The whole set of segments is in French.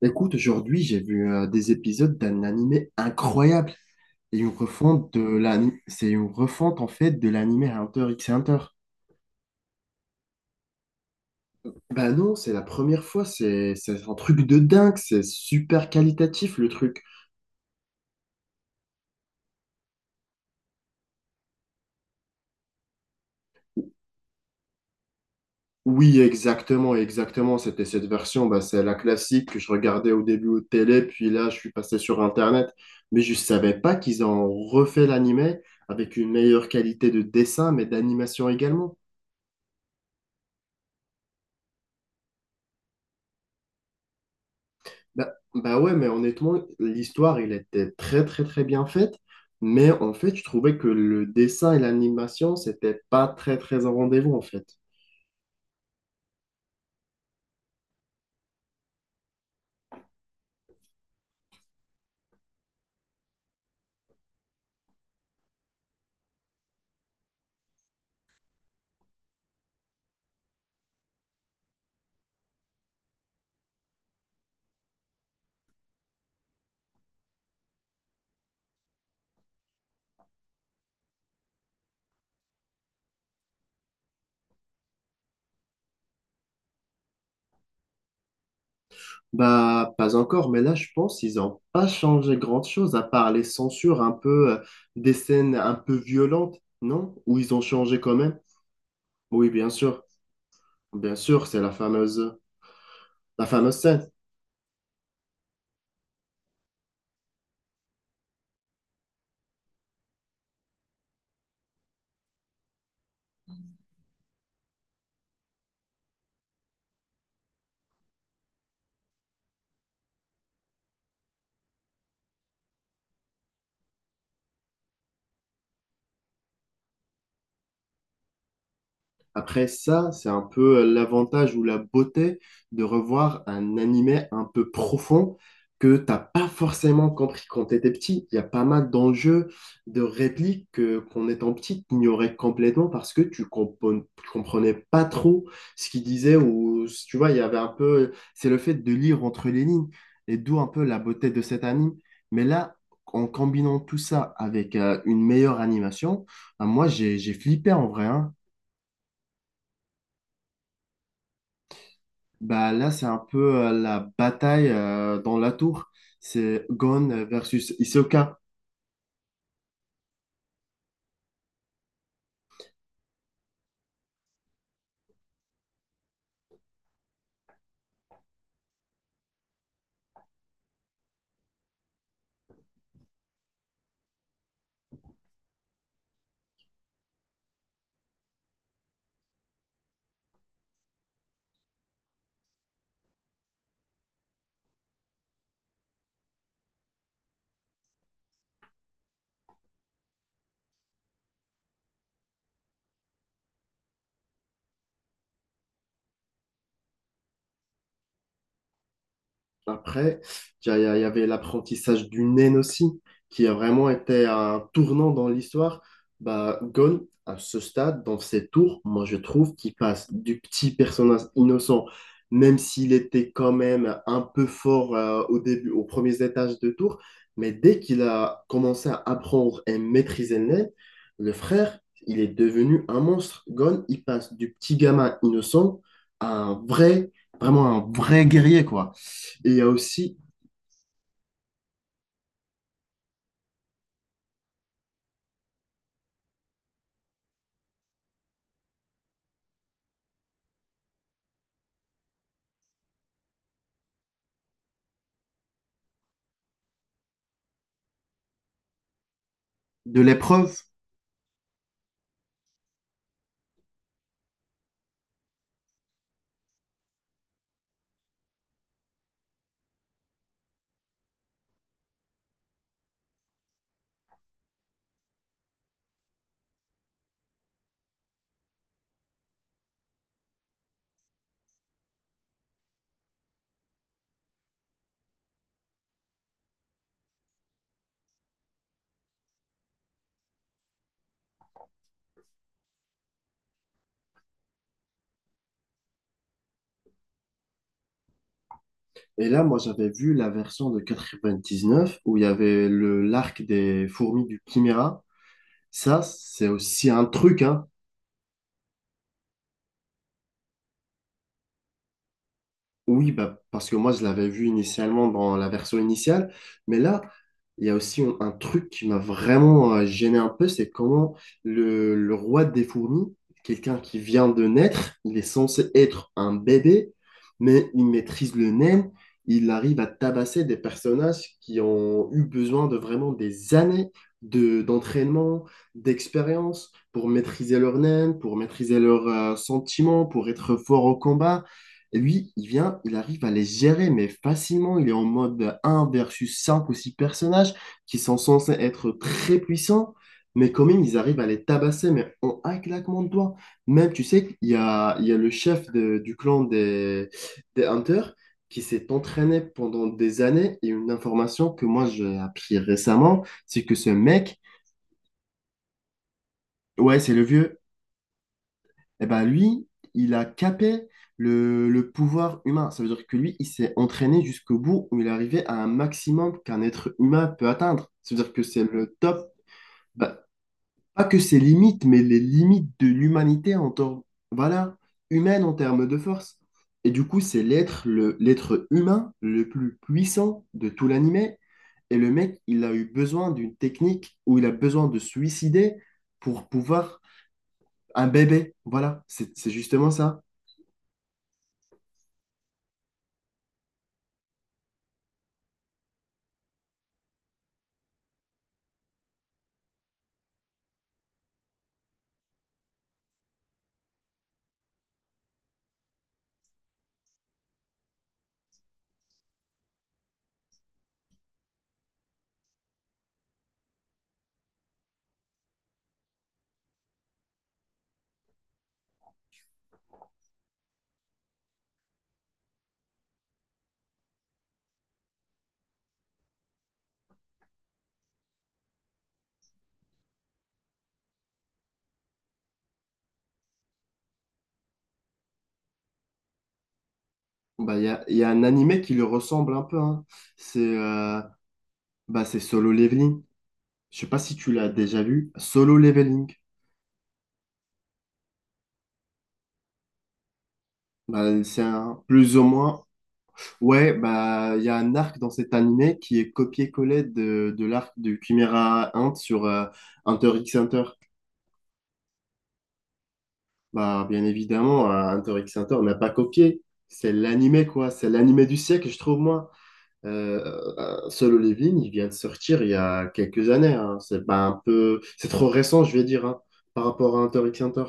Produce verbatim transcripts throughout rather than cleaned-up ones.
Écoute, aujourd'hui, j'ai vu euh, des épisodes d'un animé incroyable. Et une refonte de l'ani- c'est une refonte en fait de l'animé Hunter x Hunter. Bah non, c'est la première fois, c'est c'est un truc de dingue, c'est super qualitatif le truc. Oui, exactement, exactement, c'était cette version, bah, c'est la classique que je regardais au début au télé, puis là je suis passé sur Internet, mais je savais pas qu'ils ont refait l'animé avec une meilleure qualité de dessin, mais d'animation également. Bah, bah ouais, mais honnêtement, l'histoire, elle était très, très, très bien faite. Mais en fait, je trouvais que le dessin et l'animation, c'était pas très, très en rendez-vous, en fait. Bah, pas encore, mais là, je pense qu'ils ont pas changé grand-chose, à part les censures un peu, euh, des scènes un peu violentes, non? Ou ils ont changé quand même? Oui, bien sûr. Bien sûr, c'est la fameuse, la fameuse scène. Après ça, c'est un peu euh, l'avantage ou la beauté de revoir un animé un peu profond que t'as pas forcément compris quand t'étais petit. Il y a pas mal d'enjeux, de répliques que, qu'en étant petit, t'ignorais complètement parce que tu compon- tu comprenais pas trop ce qu'il disait ou tu vois, il y avait un peu, c'est le fait de lire entre les lignes et d'où un peu la beauté de cet anime. Mais là, en combinant tout ça avec euh, une meilleure animation, ah, moi j'ai j'ai flippé en vrai, hein. Bah là, c'est un peu euh, la bataille euh, dans la tour. C'est Gon versus Hisoka. Après, il y a- il y avait l'apprentissage du naine aussi, qui a vraiment été un tournant dans l'histoire. Bah, Gon, à ce stade, dans ses tours, moi je trouve qu'il passe du petit personnage innocent, même s'il était quand même un peu fort euh, au début, aux premiers étages de tour, mais dès qu'il a commencé à apprendre et maîtriser le naine, le frère, il est devenu un monstre. Gon, il passe du petit gamin innocent à un vrai, vraiment un vrai guerrier, quoi. Et il y a aussi de l'épreuve. Et là, moi, j'avais vu la version de quatre-vingt-dix-neuf où il y avait le l'arc des fourmis du Chimera. Ça, c'est aussi un truc, hein. Oui, bah, parce que moi, je l'avais vu initialement dans la version initiale, mais là, il y a aussi un, un truc qui m'a vraiment euh, gêné un peu, c'est comment le, le roi des fourmis, quelqu'un qui vient de naître, il est censé être un bébé, mais il maîtrise le N E M, il arrive à tabasser des personnages qui ont eu besoin de vraiment des années de, d'entraînement, d'expérience pour maîtriser leur N E M, pour maîtriser leurs euh, sentiments, pour être fort au combat lui, il vient, il arrive à les gérer, mais facilement. Il est en mode un versus cinq ou six personnages qui sont censés être très puissants, mais quand même, ils arrivent à les tabasser, mais en un claquement de doigts. Même, tu sais, il y a, il y a le chef de- du clan des, des Hunters qui s'est entraîné pendant des années. Et une information que moi, j'ai appris récemment, c'est que ce mec, ouais, c'est le vieux, eh ben lui, il a capé le, le pouvoir humain. Ça veut dire que lui, il s'est entraîné jusqu'au bout où il est arrivé à un maximum qu'un être humain peut atteindre. Ça veut dire que c'est le top, bah, pas que ses limites, mais les limites de l'humanité en termes, voilà, humaine en termes de force. Et du coup, c'est l'être, le, l'être humain le plus puissant de tout l'animé. Et le mec, il a eu besoin d'une technique où il a besoin de suicider pour pouvoir un bébé. Voilà, c'est c'est justement ça. Bah, il y a, y a un animé qui lui ressemble un peu, hein. C'est euh, bah, c'est Solo Leveling. Je sais pas si tu l'as déjà vu. Solo Leveling. Bah, c'est un plus ou moins. Ouais, bah il y a un arc dans cet animé qui est copié-collé de, de l'arc de Chimera Ant sur euh, Hunter x Hunter. Bah bien évidemment, euh, Hunter x Hunter n'a pas copié. C'est l'animé quoi, c'est l'animé du siècle, je trouve moi. Euh, Solo Leveling, il vient de sortir il y a quelques années. Hein. C'est pas un peu, c'est trop récent, je vais dire, hein, par rapport à Hunter x Hunter.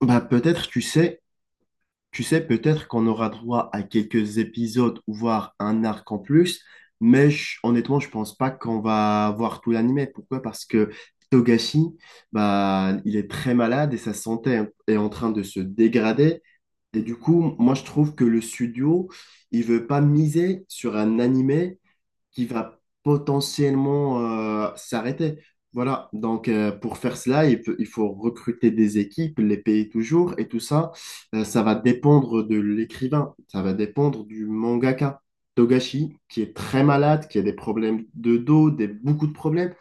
Bah peut-être, tu sais, tu sais, peut-être qu'on aura droit à quelques épisodes ou voire un arc en plus, mais je- honnêtement, je pense pas qu'on va voir tout l'anime. Pourquoi? Parce que Togashi, bah, il est très malade et sa santé est en train de se dégrader. Et du coup, moi, je trouve que le studio, il veut pas miser sur un anime qui va potentiellement euh, s'arrêter. Voilà, donc euh, pour faire cela, il peut- il faut recruter des équipes, les payer toujours, et tout ça, euh, ça va dépendre de l'écrivain, ça va dépendre du mangaka. Togashi, qui est très malade, qui a des problèmes de dos, des, beaucoup de problèmes.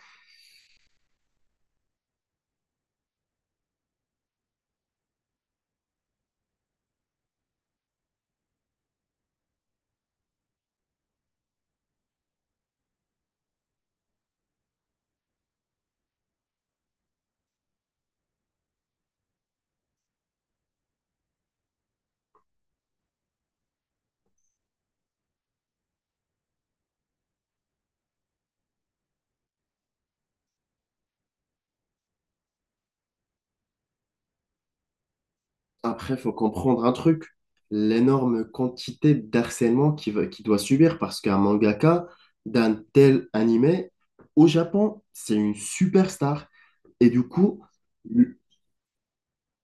Après, il faut comprendre un truc, l'énorme quantité d'harcèlement qu'il va- qu'il doit subir, parce qu'un mangaka d'un tel animé, au Japon, c'est une superstar. Et du coup,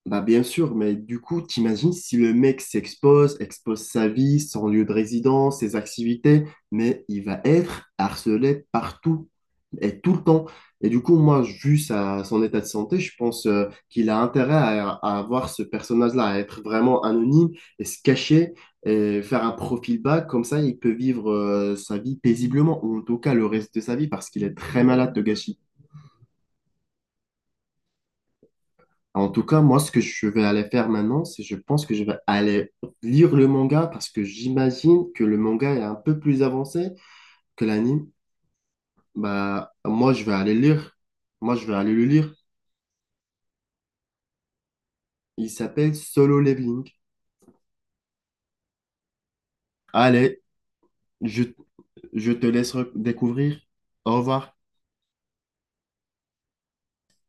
bah bien sûr, mais du coup, t'imagines si le mec s'expose, expose sa vie, son lieu de résidence, ses activités, mais il va être harcelé partout et tout le temps. Et du coup, moi, vu sa, son état de santé, je pense euh, qu'il a intérêt à, à avoir ce personnage-là, à être vraiment anonyme et se cacher et faire un profil bas. Comme ça, il peut vivre euh, sa vie paisiblement, ou en tout cas le reste de sa vie, parce qu'il est très malade de gâchis. En tout cas, moi, ce que je vais aller faire maintenant, c'est je pense que je vais aller lire le manga parce que j'imagine que le manga est un peu plus avancé que l'anime. Bah, moi, je vais aller lire. Moi, je vais aller le lire. Il s'appelle Solo Leveling. Allez, je, je te laisse découvrir. Au revoir.